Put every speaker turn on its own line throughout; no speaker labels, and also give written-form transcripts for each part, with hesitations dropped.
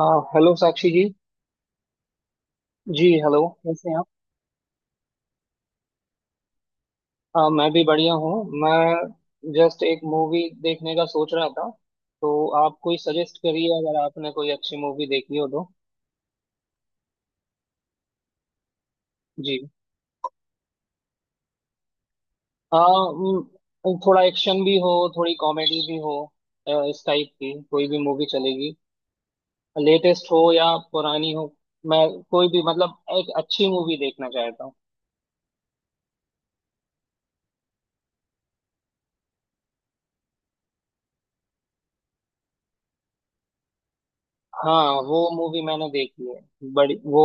आ, hello Sakshi ji. जी hello. कैसे हैं आप? मैं भी बढ़िया हूँ। मैं जस्ट एक मूवी देखने का सोच रहा था, तो आप कोई सजेस्ट करिए अगर आपने कोई अच्छी मूवी देखी हो तो। जी। थोड़ा एक्शन भी हो, थोड़ी कॉमेडी भी हो। इस टाइप की कोई भी मूवी चलेगी, लेटेस्ट हो या पुरानी हो। मैं कोई भी मतलब एक अच्छी मूवी देखना चाहता हूँ। हाँ, वो मूवी मैंने देखी है, बड़ी वो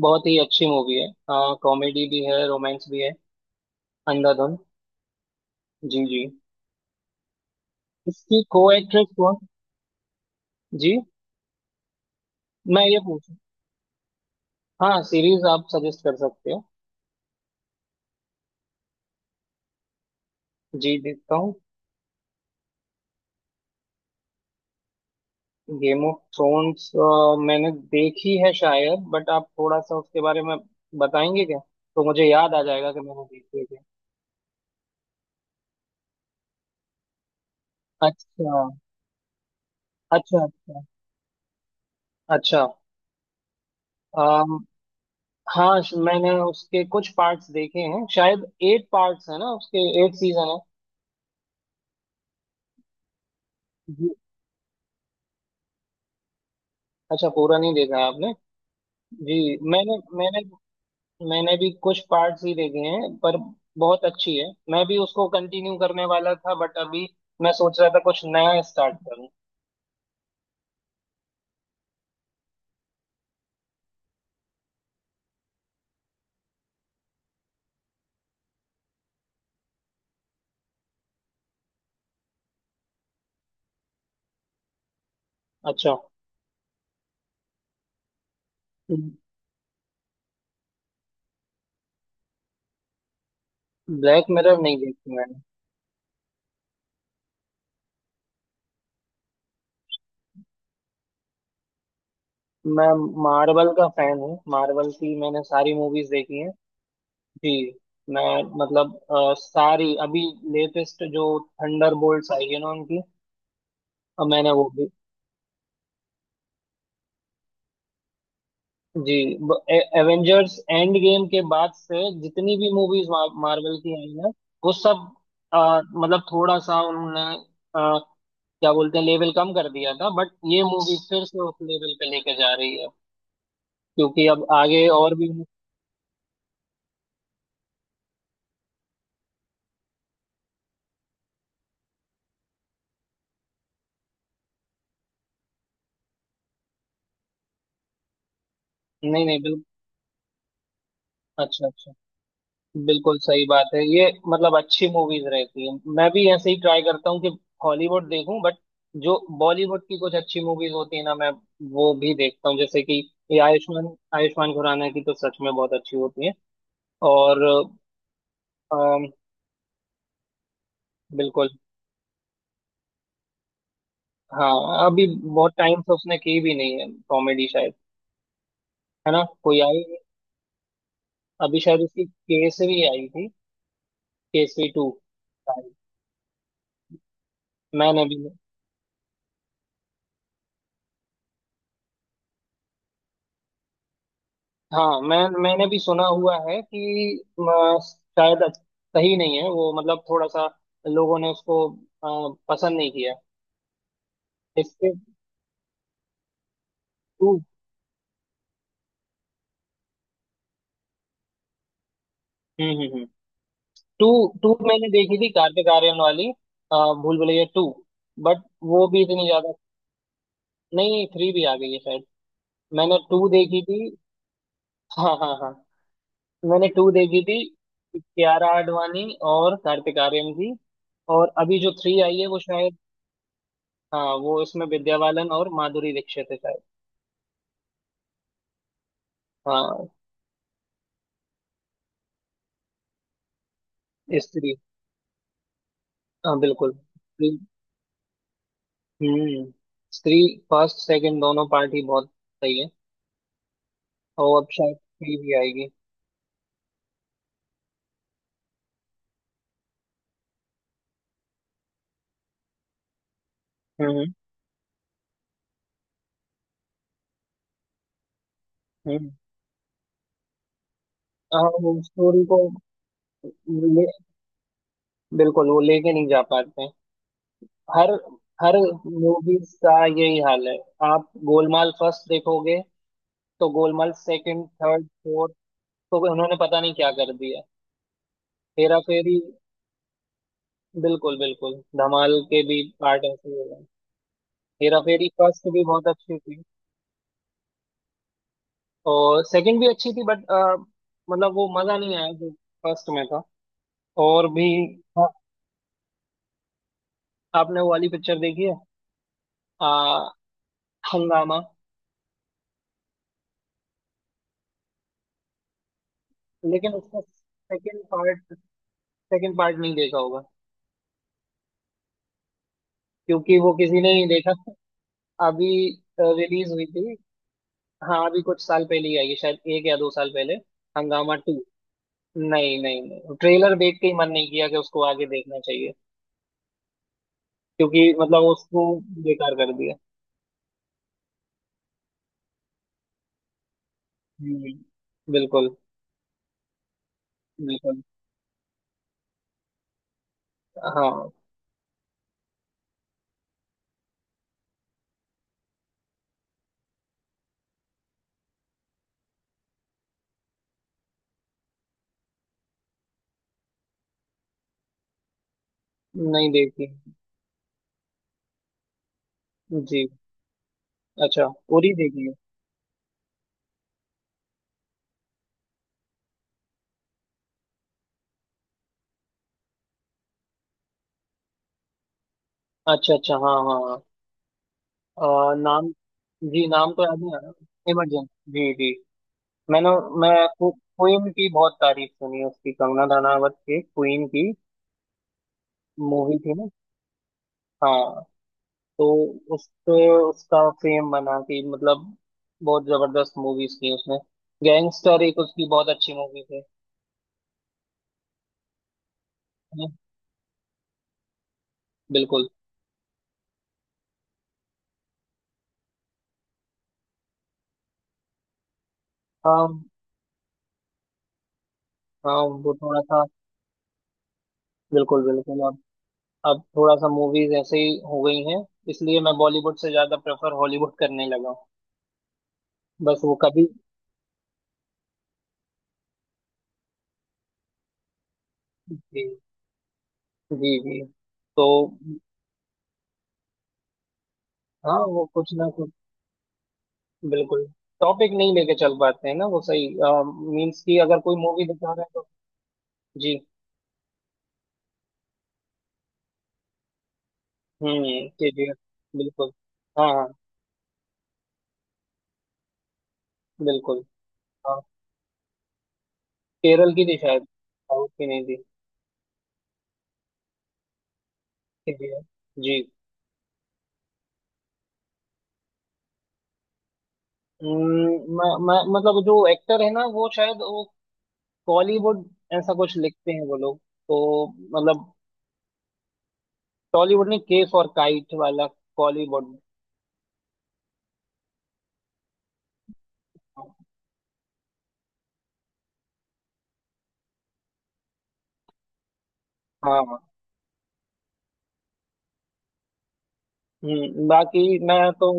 बहुत ही अच्छी मूवी है। हाँ, कॉमेडी भी है, रोमांस भी है। अंधाधुन। जी जी। इसकी को एक्ट्रेस कौन? जी। मैं ये पूछ। हाँ, सीरीज आप सजेस्ट कर सकते हो। जी, देखता हूँ। गेम ऑफ थ्रोन्स मैंने देखी है शायद, बट आप थोड़ा सा उसके बारे में बताएंगे क्या? तो मुझे याद आ जाएगा कि मैंने देखी है क्या। अच्छा। अच्छा। अच्छा। अच्छा। अम, हाँ, मैंने उसके कुछ पार्ट्स देखे हैं, शायद 8 पार्ट्स है ना उसके। 8 सीजन है। अच्छा, पूरा नहीं देखा आपने? जी। मैंने मैंने मैंने भी कुछ पार्ट्स ही देखे हैं पर बहुत अच्छी है, मैं भी उसको कंटिन्यू करने वाला था बट अभी मैं सोच रहा था कुछ नया स्टार्ट करूं। अच्छा, ब्लैक मिरर नहीं देखी मैंने। मैं मार्वल का फैन हूँ, मार्वल की मैंने सारी मूवीज देखी हैं। जी। मैं मतलब सारी अभी, लेटेस्ट जो थंडर बोल्ट्स आई है ना उनकी, मैंने वो भी। जी। एवेंजर्स एंड गेम के बाद से जितनी भी मूवीज मार्वल की आई हैं वो सब, मतलब थोड़ा सा उन्होंने, अ, क्या बोलते हैं लेवल कम कर दिया था, बट ये मूवी फिर से उस लेवल पे लेके जा रही है क्योंकि अब आगे और भी। नहीं नहीं, बिल्कुल। अच्छा अच्छा। बिल्कुल सही बात है ये, मतलब अच्छी मूवीज रहती है, मैं भी ऐसे ही ट्राई करता हूँ कि हॉलीवुड देखूं बट जो बॉलीवुड की कुछ अच्छी मूवीज होती है ना, मैं वो भी देखता हूँ, जैसे कि ये आयुष्मान आयुष्मान खुराना की तो सच में बहुत अच्छी होती है। और अम, बिल्कुल। हाँ, अभी बहुत टाइम से उसने की भी नहीं है कॉमेडी शायद, है ना कोई आई? अभी शायद उसकी केसरी आई थी, केसरी टू। मैंने भी। हाँ, मैंने भी सुना हुआ है कि अ, शायद सही नहीं है वो, मतलब थोड़ा सा लोगों ने उसको पसंद नहीं किया। इसके टू। हम्म। टू। टू मैंने देखी थी कार्तिक आर्यन वाली, भूल भुलैया टू, बट वो भी इतनी ज्यादा। नहीं, थ्री भी आ गई है शायद, मैंने टू देखी थी। हाँ हाँ हाँ, मैंने टू देखी थी, कियारा आडवाणी और कार्तिक आर्यन की। और अभी जो थ्री आई है वो शायद, हाँ, वो इसमें विद्या बालन और माधुरी दीक्षित है शायद। हाँ, स्त्री। हाँ, बिल्कुल स्त्री। हम्म। स्त्री फर्स्ट सेकंड दोनों पार्ट ही बहुत सही है, और अब शायद थ्री भी आएगी। हम्म हम्म हम्म। हाँ, वो स्टोरी को, ले, बिल्कुल वो लेके नहीं जा पाते हैं। हर हर मूवीज का यही हाल है। आप गोलमाल फर्स्ट देखोगे तो गोलमाल सेकंड थर्ड फोर्थ, तो उन्होंने पता नहीं क्या कर दिया। हेरा फेरी। बिल्कुल बिल्कुल, धमाल के भी पार्ट ऐसे ही हो गए। हेरा फेरी फर्स्ट भी बहुत अच्छी थी, और सेकंड भी अच्छी थी बट मतलब वो मजा नहीं आया जो फर्स्ट में था। और भी। हाँ, आपने वो वाली पिक्चर देखी है, आ, हंगामा? लेकिन उसका सेकंड पार्ट नहीं देखा होगा, क्योंकि वो किसी ने नहीं देखा। अभी रिलीज हुई थी। हाँ, अभी कुछ साल पहले ही आई है शायद, 1 या 2 साल पहले, हंगामा टू। नहीं नहीं नहीं, ट्रेलर देख के ही मन नहीं किया कि उसको आगे देखना चाहिए, क्योंकि मतलब उसको बेकार कर दिया। हम्म, बिल्कुल बिल्कुल। हाँ। नहीं देखी। जी। अच्छा, उरी देखी है। अच्छा अच्छा हाँ हाँ हाँ। नाम, जी नाम तो याद नहीं आ रहा, इमरजेंसी। जी जी। मैंने, मैं क्वीन की बहुत तारीफ सुनी है उसकी, कंगना रनावत की, क्वीन की मूवी थी ना? हाँ, तो उससे उसका फेम बना कि, मतलब बहुत जबरदस्त मूवीज की उसने, गैंगस्टर, एक उसकी बहुत अच्छी मूवी थी, है ना? बिल्कुल। हाँ हाँ, वो थोड़ा सा, बिल्कुल बिल्कुल, अब थोड़ा सा मूवीज ऐसे ही हो गई हैं, इसलिए मैं बॉलीवुड से ज्यादा प्रेफर हॉलीवुड करने लगा हूँ, बस वो कभी। जी जी जी। तो हाँ, वो कुछ ना कुछ, बिल्कुल, टॉपिक नहीं लेके चल पाते हैं ना वो सही, मीन्स कि अगर कोई मूवी दिखा रहा है तो। जी। हम्म, केजीएफ। बिल्कुल। हाँ हाँ। बिल्कुल। हाँ, केरल की थी शायद, साउथ की नहीं थी। केजीएफ। जी जी। हम्म, मैं मतलब जो एक्टर है ना वो शायद वो कॉलीवुड, ऐसा कुछ लिखते हैं वो लोग, तो मतलब टॉलीवुड ने केफ और काइट वाला, कॉलीवुड। हाँ। बाकी मैं तो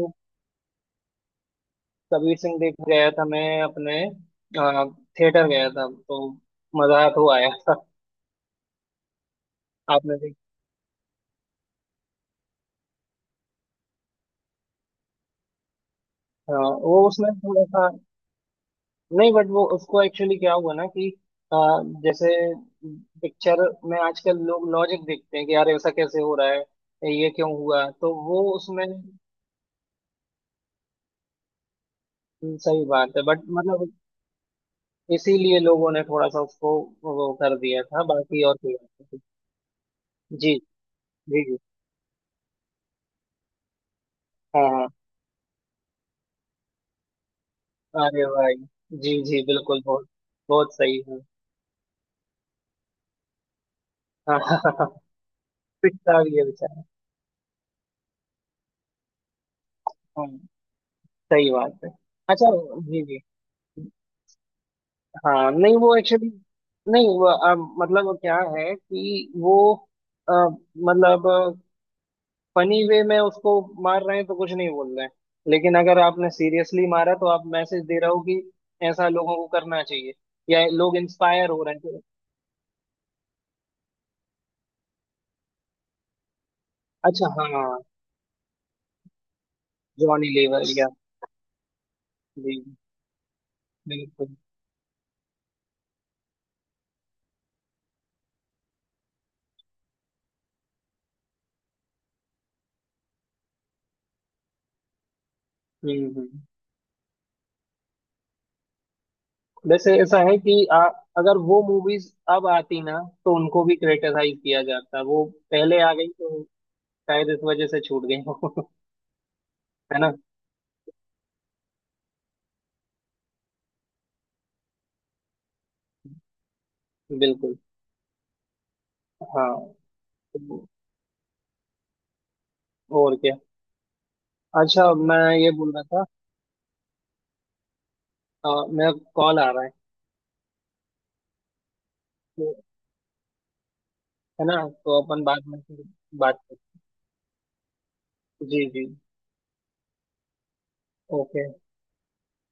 कबीर सिंह देख गया था, मैं अपने थिएटर गया था तो मजा तो आया था। आपने देख। हाँ, वो उसमें थोड़ा सा, नहीं बट वो उसको एक्चुअली क्या हुआ ना कि अ, जैसे पिक्चर में आजकल लोग लॉजिक देखते हैं कि यार ऐसा कैसे हो रहा है, ये क्यों हुआ, तो वो उसमें। सही बात है बट मतलब इसीलिए लोगों ने थोड़ा सा उसको वो कर दिया था, बाकी और कोई बात नहीं थी। जी जी जी। हाँ हाँ। अरे भाई। जी जी, बिल्कुल, बहुत बहुत सही है। हाँ हाँ हाँ हाँ, पिटता भी है बेचारा। हाँ, सही बात है। अच्छा। जी जी। हाँ नहीं, वो एक्चुअली, नहीं वो मतलब वो क्या है कि वो, अ, मतलब फनी वे में उसको मार रहे हैं तो कुछ नहीं बोल रहे हैं, लेकिन अगर आपने सीरियसली मारा तो आप मैसेज दे रहे हो कि ऐसा लोगों को करना चाहिए या लोग इंस्पायर हो रहे हैं तो- अच्छा हाँ। जॉनी लीवर या। जी। बिल्कुल। हम्म हम्म। वैसे ऐसा है कि अगर वो मूवीज अब आती ना तो उनको भी क्रिटिसाइज किया जाता, वो पहले आ गई तो शायद इस वजह से छूट गई हो है ना। बिल्कुल। हाँ, तो और क्या। अच्छा, मैं ये बोल रहा था, आ, मेरा कॉल आ रहा है, तो है ना, तो अपन बाद में फिर बात करते हैं। जी जी। ओके।